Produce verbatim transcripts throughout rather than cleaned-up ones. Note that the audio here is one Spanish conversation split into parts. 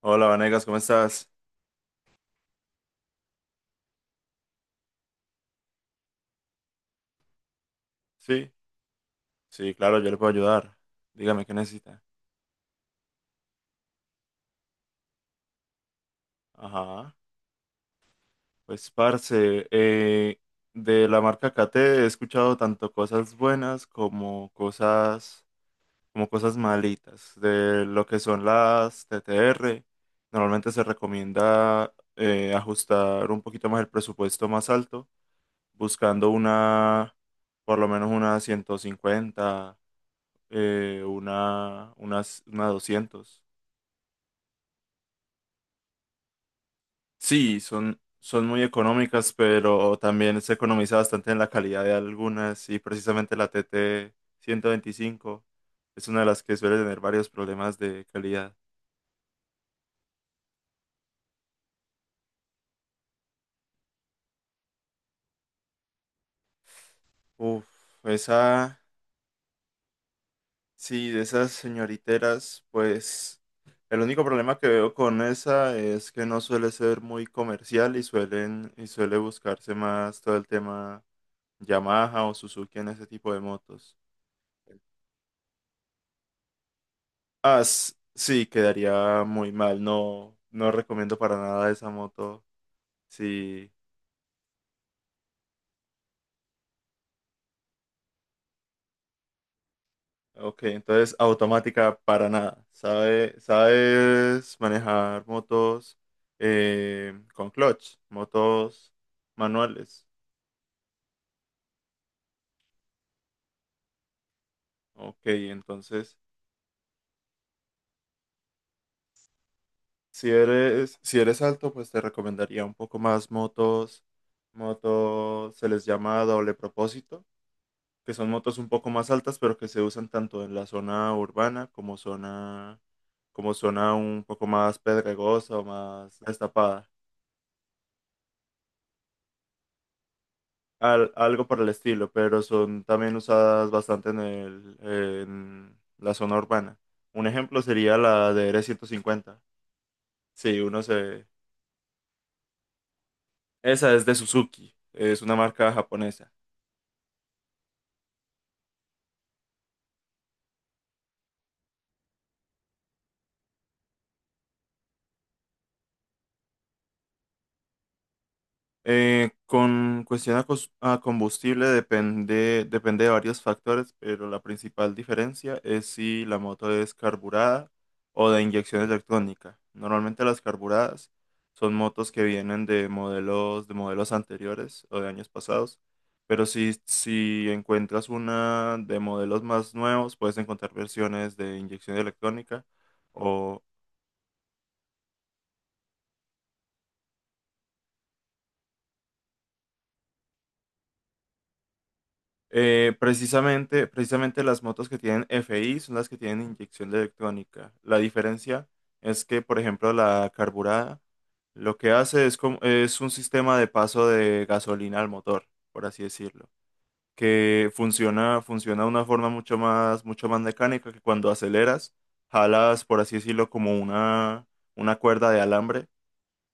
Hola, Vanegas, ¿cómo estás? Sí, sí, claro, yo le puedo ayudar. Dígame qué necesita. Ajá. Pues, parce, eh, de la marca Cate he escuchado tanto cosas buenas como cosas, como cosas malitas. De lo que son las T T R, normalmente se recomienda eh, ajustar un poquito más el presupuesto más alto, buscando una, por lo menos una ciento cincuenta, eh, una, unas, una doscientos. Sí, son, son muy económicas, pero también se economiza bastante en la calidad de algunas y precisamente la T T veinticinco es una de las que suele tener varios problemas de calidad. Uf, esa, sí, de esas señoriteras, pues el único problema que veo con esa es que no suele ser muy comercial y suelen y suele buscarse más todo el tema Yamaha o Suzuki en ese tipo de motos. Ah, s- sí, quedaría muy mal. No, no recomiendo para nada esa moto. Sí. Ok, entonces automática para nada. ¿Sabe- ¿Sabes manejar motos eh, con clutch? Motos manuales. Ok, entonces si eres, si eres alto, pues te recomendaría un poco más motos. Motos se les llama doble propósito que son motos un poco más altas, pero que se usan tanto en la zona urbana como zona, como zona un poco más pedregosa o más destapada. Al- algo por el estilo, pero son también usadas bastante en el, en la zona urbana. Un ejemplo sería la D R ciento cincuenta. Sí. uno se... Esa es de Suzuki, es una marca japonesa. Eh, con cuestión a, cos- a combustible, depende, depende de varios factores, pero la principal diferencia es si la moto es carburada o de inyección electrónica. Normalmente las carburadas son motos que vienen de modelos, de modelos anteriores o de años pasados, pero si, si encuentras una de modelos más nuevos, puedes encontrar versiones de inyección electrónica. Eh, precisamente, precisamente las motos que tienen F I son las que tienen inyección electrónica. La diferencia es que, por ejemplo, la carburada lo que hace es, como- es un sistema de paso de gasolina al motor, por así decirlo, que funciona, funciona de una forma mucho más, mucho más mecánica que cuando aceleras, jalas, por así decirlo, como una, una cuerda de alambre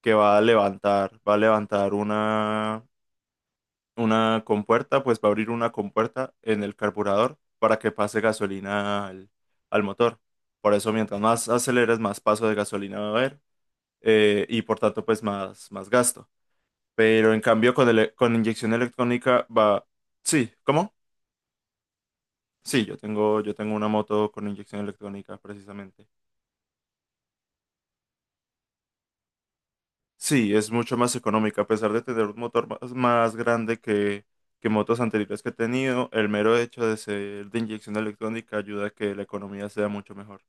que va a levantar, va a levantar una una compuerta, pues va a abrir una compuerta en el carburador para que pase gasolina al, al motor. Por eso, mientras más aceleres, más paso de gasolina va a haber, eh, y por tanto, pues más, más gasto. Pero en cambio, con, ele- con inyección electrónica va... Sí, ¿cómo? Sí, yo tengo, yo tengo una moto con inyección electrónica precisamente. Sí, es mucho más económica, a pesar de tener un motor más, más grande que, que motos anteriores que he tenido. El mero hecho de ser de inyección electrónica ayuda a que la economía sea mucho mejor.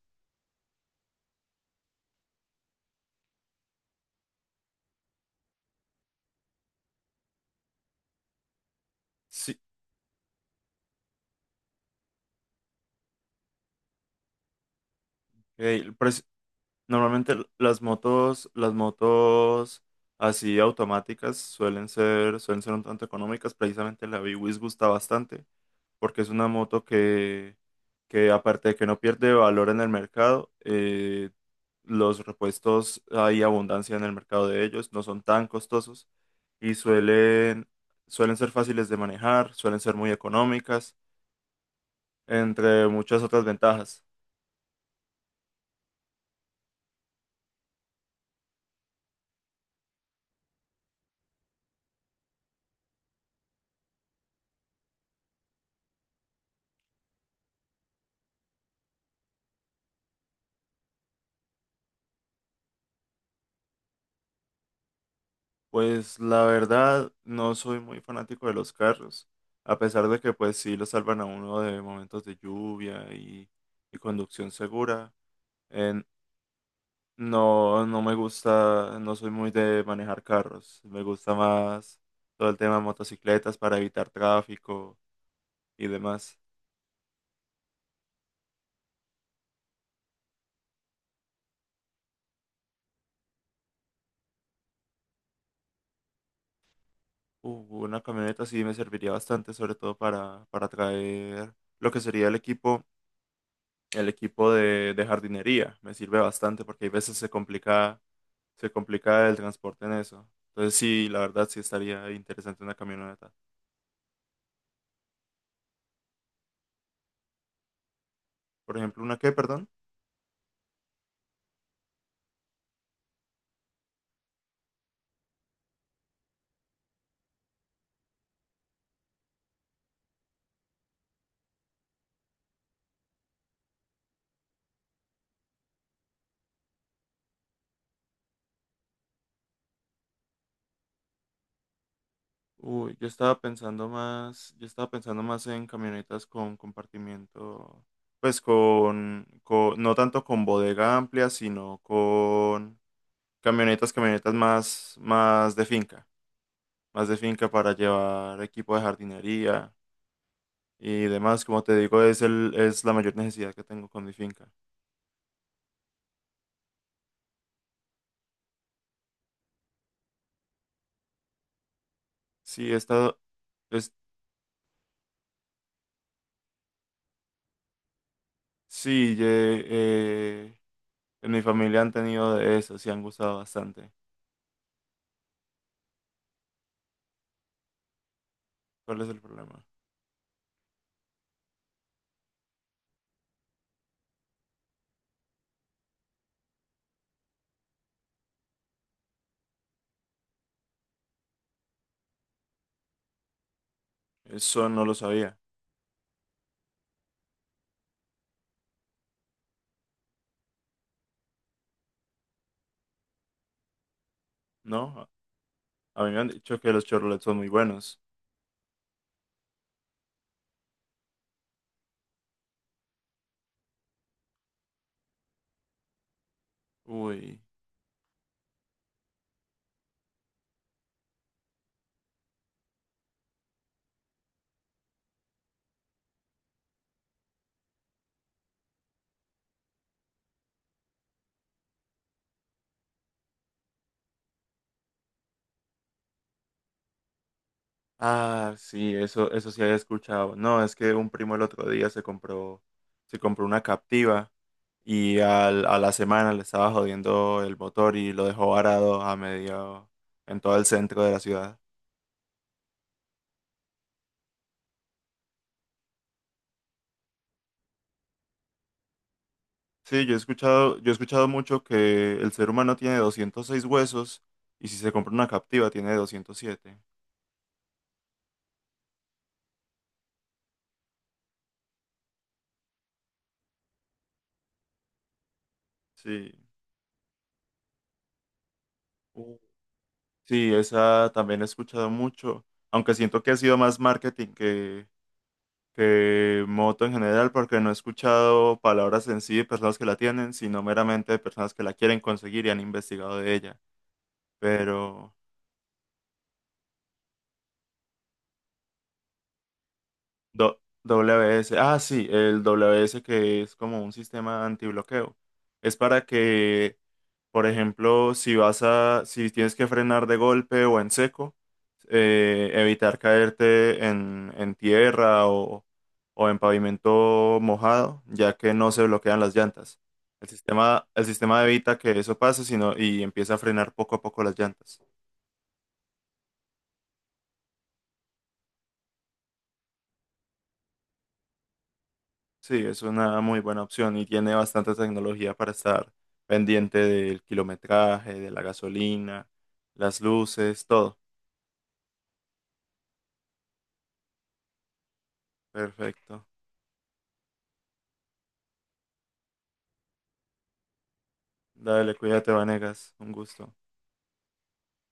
Sí, eh, el preci- normalmente l- las motos, las motos así automáticas suelen ser, suelen ser un tanto económicas, precisamente la B W S gusta bastante, porque es una moto que aparte de que no pierde valor en el mercado, eh, los repuestos hay abundancia en el mercado de ellos, no son tan costosos y suelen, suelen ser fáciles de manejar, suelen ser muy económicas, entre muchas otras ventajas. Pues la verdad, no soy muy fanático de los carros, a pesar de que pues sí lo salvan a uno de momentos de lluvia y, y conducción segura. Eh, No, no me gusta, no soy muy de manejar carros. Me gusta más todo el tema de motocicletas para evitar tráfico y demás. Uh, una camioneta sí me serviría bastante, sobre todo para, para traer lo que sería el equipo, el equipo de, de jardinería. Me sirve bastante porque hay veces se complica, se complica el transporte en eso. Entonces sí, la verdad sí estaría interesante una camioneta. Por ejemplo, ¿una qué, perdón? Uy, yo estaba pensando más, yo estaba pensando más en camionetas con compartimiento, pues con, con- no tanto con bodega amplia, sino con camionetas, camionetas más, más de finca, más de finca para llevar equipo de jardinería y demás. Como te digo, es el, es la mayor necesidad que tengo con mi finca. Sí, he estado, es, sí, ye- eh, en mi familia han tenido de eso, sí han gustado bastante. ¿Cuál es el problema? Eso no lo sabía. ¿No? A mí me han dicho que los Chevrolet son muy buenos. Uy. Ah, sí, eso, eso sí había escuchado. No, es que un primo el otro día se compró, se compró una Captiva y al- a la semana le estaba jodiendo el motor y lo dejó varado a medio, en todo el centro de la ciudad. Sí, yo he escuchado, yo he escuchado mucho que el ser humano tiene doscientos seis huesos, y si se compra una Captiva tiene doscientos siete. Sí. Uh, Sí, esa también he escuchado mucho, aunque siento que ha sido más marketing que, que moto en general, porque no he escuchado palabras en sí de personas que la tienen, sino meramente de personas que la quieren conseguir y han investigado de ella. Pero do- W S, ah, sí, el W S, que es como un sistema antibloqueo. Es para que. Por ejemplo, si vas a, si tienes que frenar de golpe o en seco, eh, evitar caerte en, en tierra, o, o en pavimento mojado, ya que no se bloquean las llantas. El sistema, el sistema evita que eso pase, sino y empieza a frenar poco a poco las llantas. Sí, es una muy buena opción y tiene bastante tecnología para estar pendiente del kilometraje, de la gasolina, las luces, todo. Perfecto. Dale, cuídate, Vanegas. Un gusto.